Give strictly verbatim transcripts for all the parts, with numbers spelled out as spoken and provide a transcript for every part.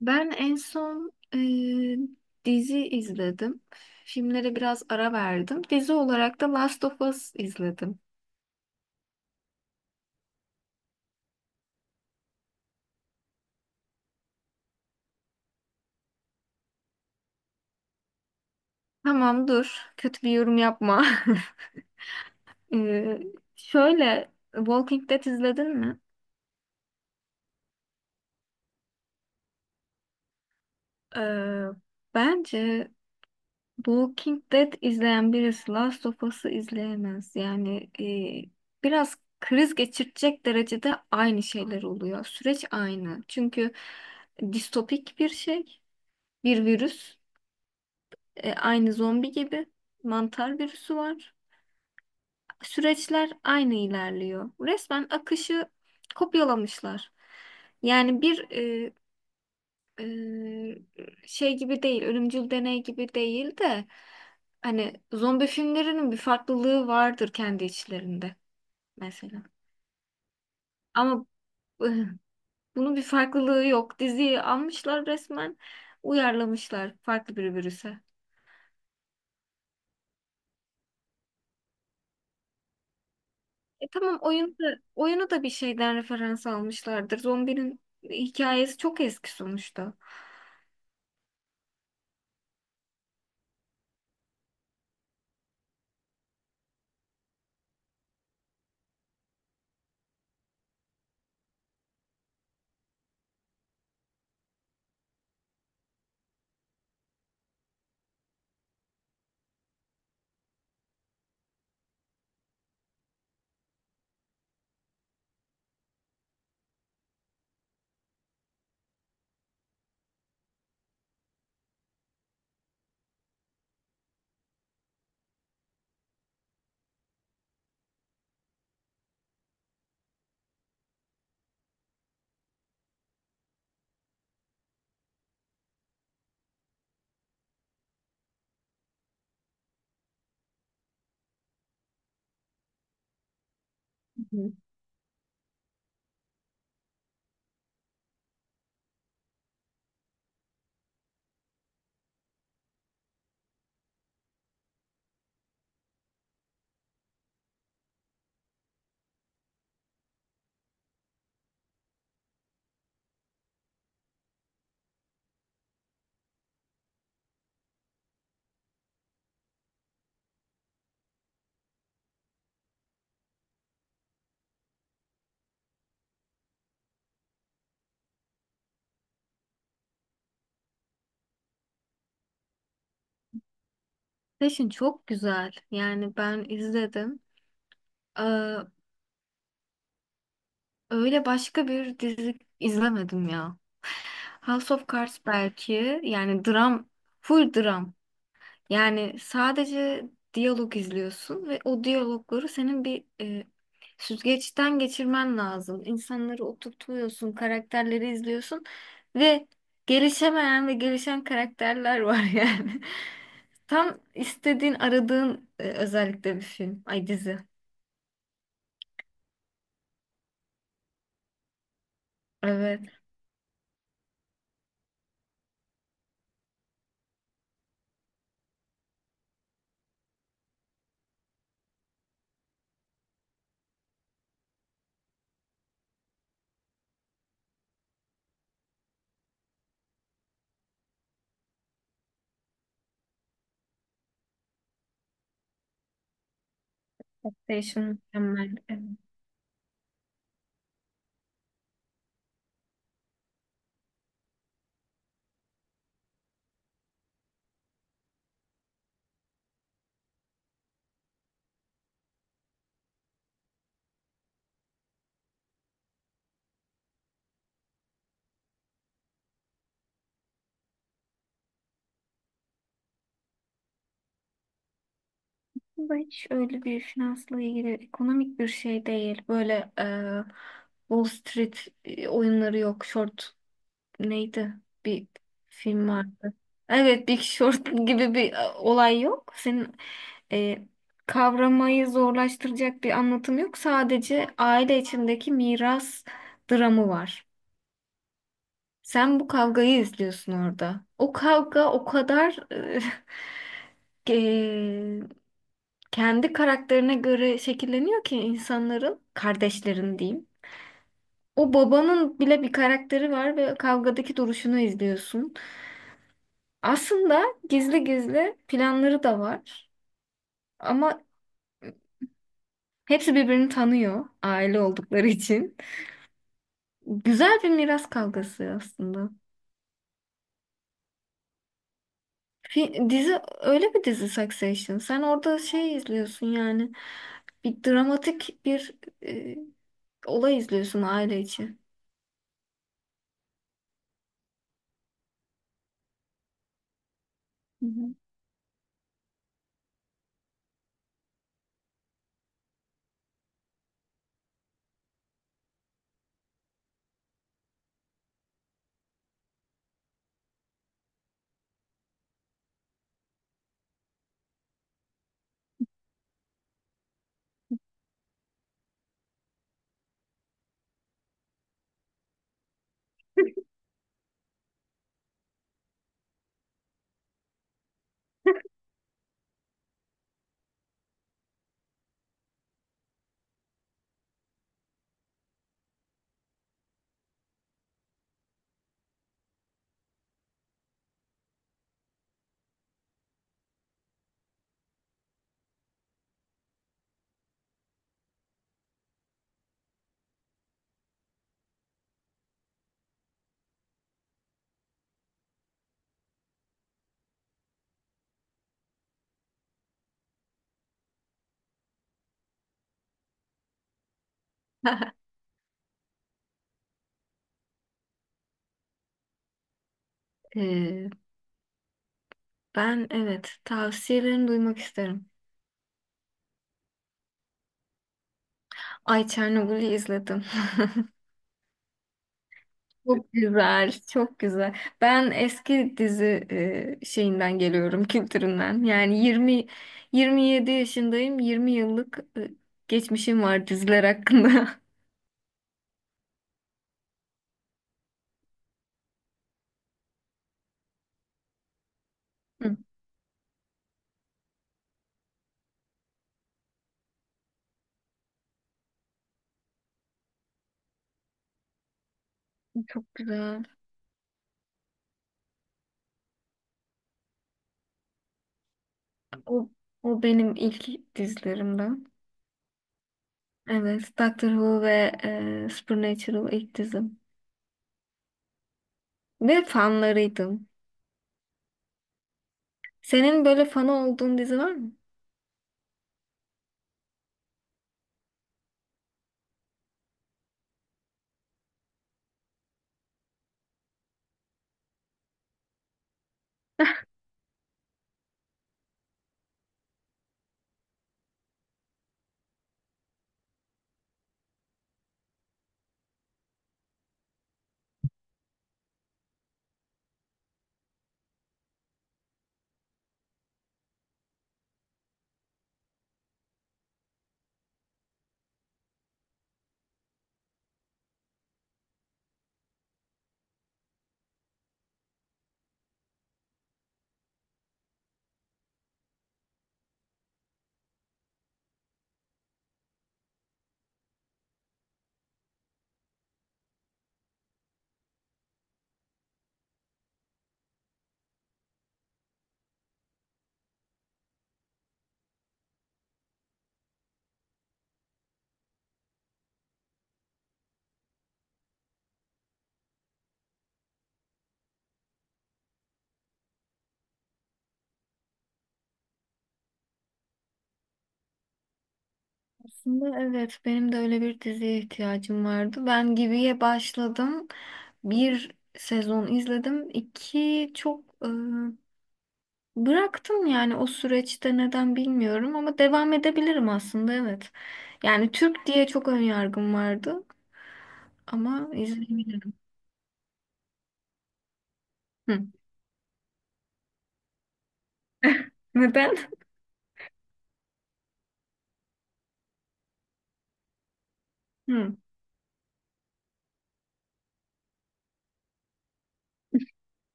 Ben en son e, dizi izledim. Filmlere biraz ara verdim. Dizi olarak da Last of Us izledim. Tamam dur. Kötü bir yorum yapma. E, Şöyle Walking Dead izledin mi? E, Bence Walking Dead izleyen birisi Last of Us'ı izleyemez. Yani e, biraz kriz geçirecek derecede aynı şeyler oluyor. Süreç aynı. Çünkü distopik bir şey, bir virüs. E, aynı zombi gibi mantar virüsü var. Süreçler aynı ilerliyor. Resmen akışı kopyalamışlar. Yani bir e, e, şey gibi değil, ölümcül deney gibi değil de hani zombi filmlerinin bir farklılığı vardır kendi içlerinde mesela. Ama e, bunun bir farklılığı yok. Diziyi almışlar resmen uyarlamışlar farklı bir virüse. E tamam oyunu da, oyunu da bir şeyden referans almışlardır. Zombinin hikayesi çok eski sonuçta. Hı. Passion çok güzel. Yani ben izledim. Ee, öyle başka bir dizi izlemedim ya. House of Cards belki yani dram, full dram. Yani sadece diyalog izliyorsun ve o diyalogları senin bir e, süzgeçten geçirmen lazım. İnsanları oturtuyorsun, karakterleri izliyorsun ve gelişemeyen ve gelişen karakterler var yani. Tam istediğin, aradığın e, özellikle bir film. Ay dizi. Evet. Taxation mükemmel. Evet. Bu hiç öyle bir finansla ilgili ekonomik bir şey değil. Böyle e, Wall Street e, oyunları yok, short. Neydi? Bir film vardı. Evet, Big Short gibi bir e, olay yok. Senin e, kavramayı zorlaştıracak bir anlatım yok. Sadece aile içindeki miras dramı var. Sen bu kavgayı izliyorsun orada. O kavga o kadar e, e, kendi karakterine göre şekilleniyor ki insanların, kardeşlerin diyeyim. O babanın bile bir karakteri var ve kavgadaki duruşunu izliyorsun. Aslında gizli gizli planları da var ama hepsi birbirini tanıyor aile oldukları için. Güzel bir miras kavgası aslında. Fi- dizi öyle bir dizi Succession. Sen orada şey izliyorsun yani bir dramatik bir e, olay izliyorsun aile için. Hı hı. E, ben evet tavsiyelerini duymak isterim. Ay Çernobil'i izledim. Çok güzel, çok güzel. Ben eski dizi e, şeyinden geliyorum, kültüründen. Yani yirmi, yirmi yedi yaşındayım. yirmi yıllık e, geçmişim var diziler hakkında. Hı. Çok güzel. O o benim ilk dizilerimden. Evet, Doctor Who ve e, Supernatural ilk dizim. Ve fanlarıydım. Senin böyle fanı olduğun dizi var mı? Aslında evet benim de öyle bir diziye ihtiyacım vardı. Ben Gibi'ye başladım. Bir sezon izledim. İki çok e, bıraktım yani o süreçte neden bilmiyorum ama devam edebilirim aslında evet. Yani Türk diye çok ön yargım vardı ama izleyebilirim. Hı. Neden? Hı.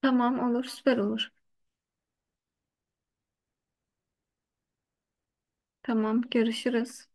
Tamam olur süper olur. Tamam görüşürüz.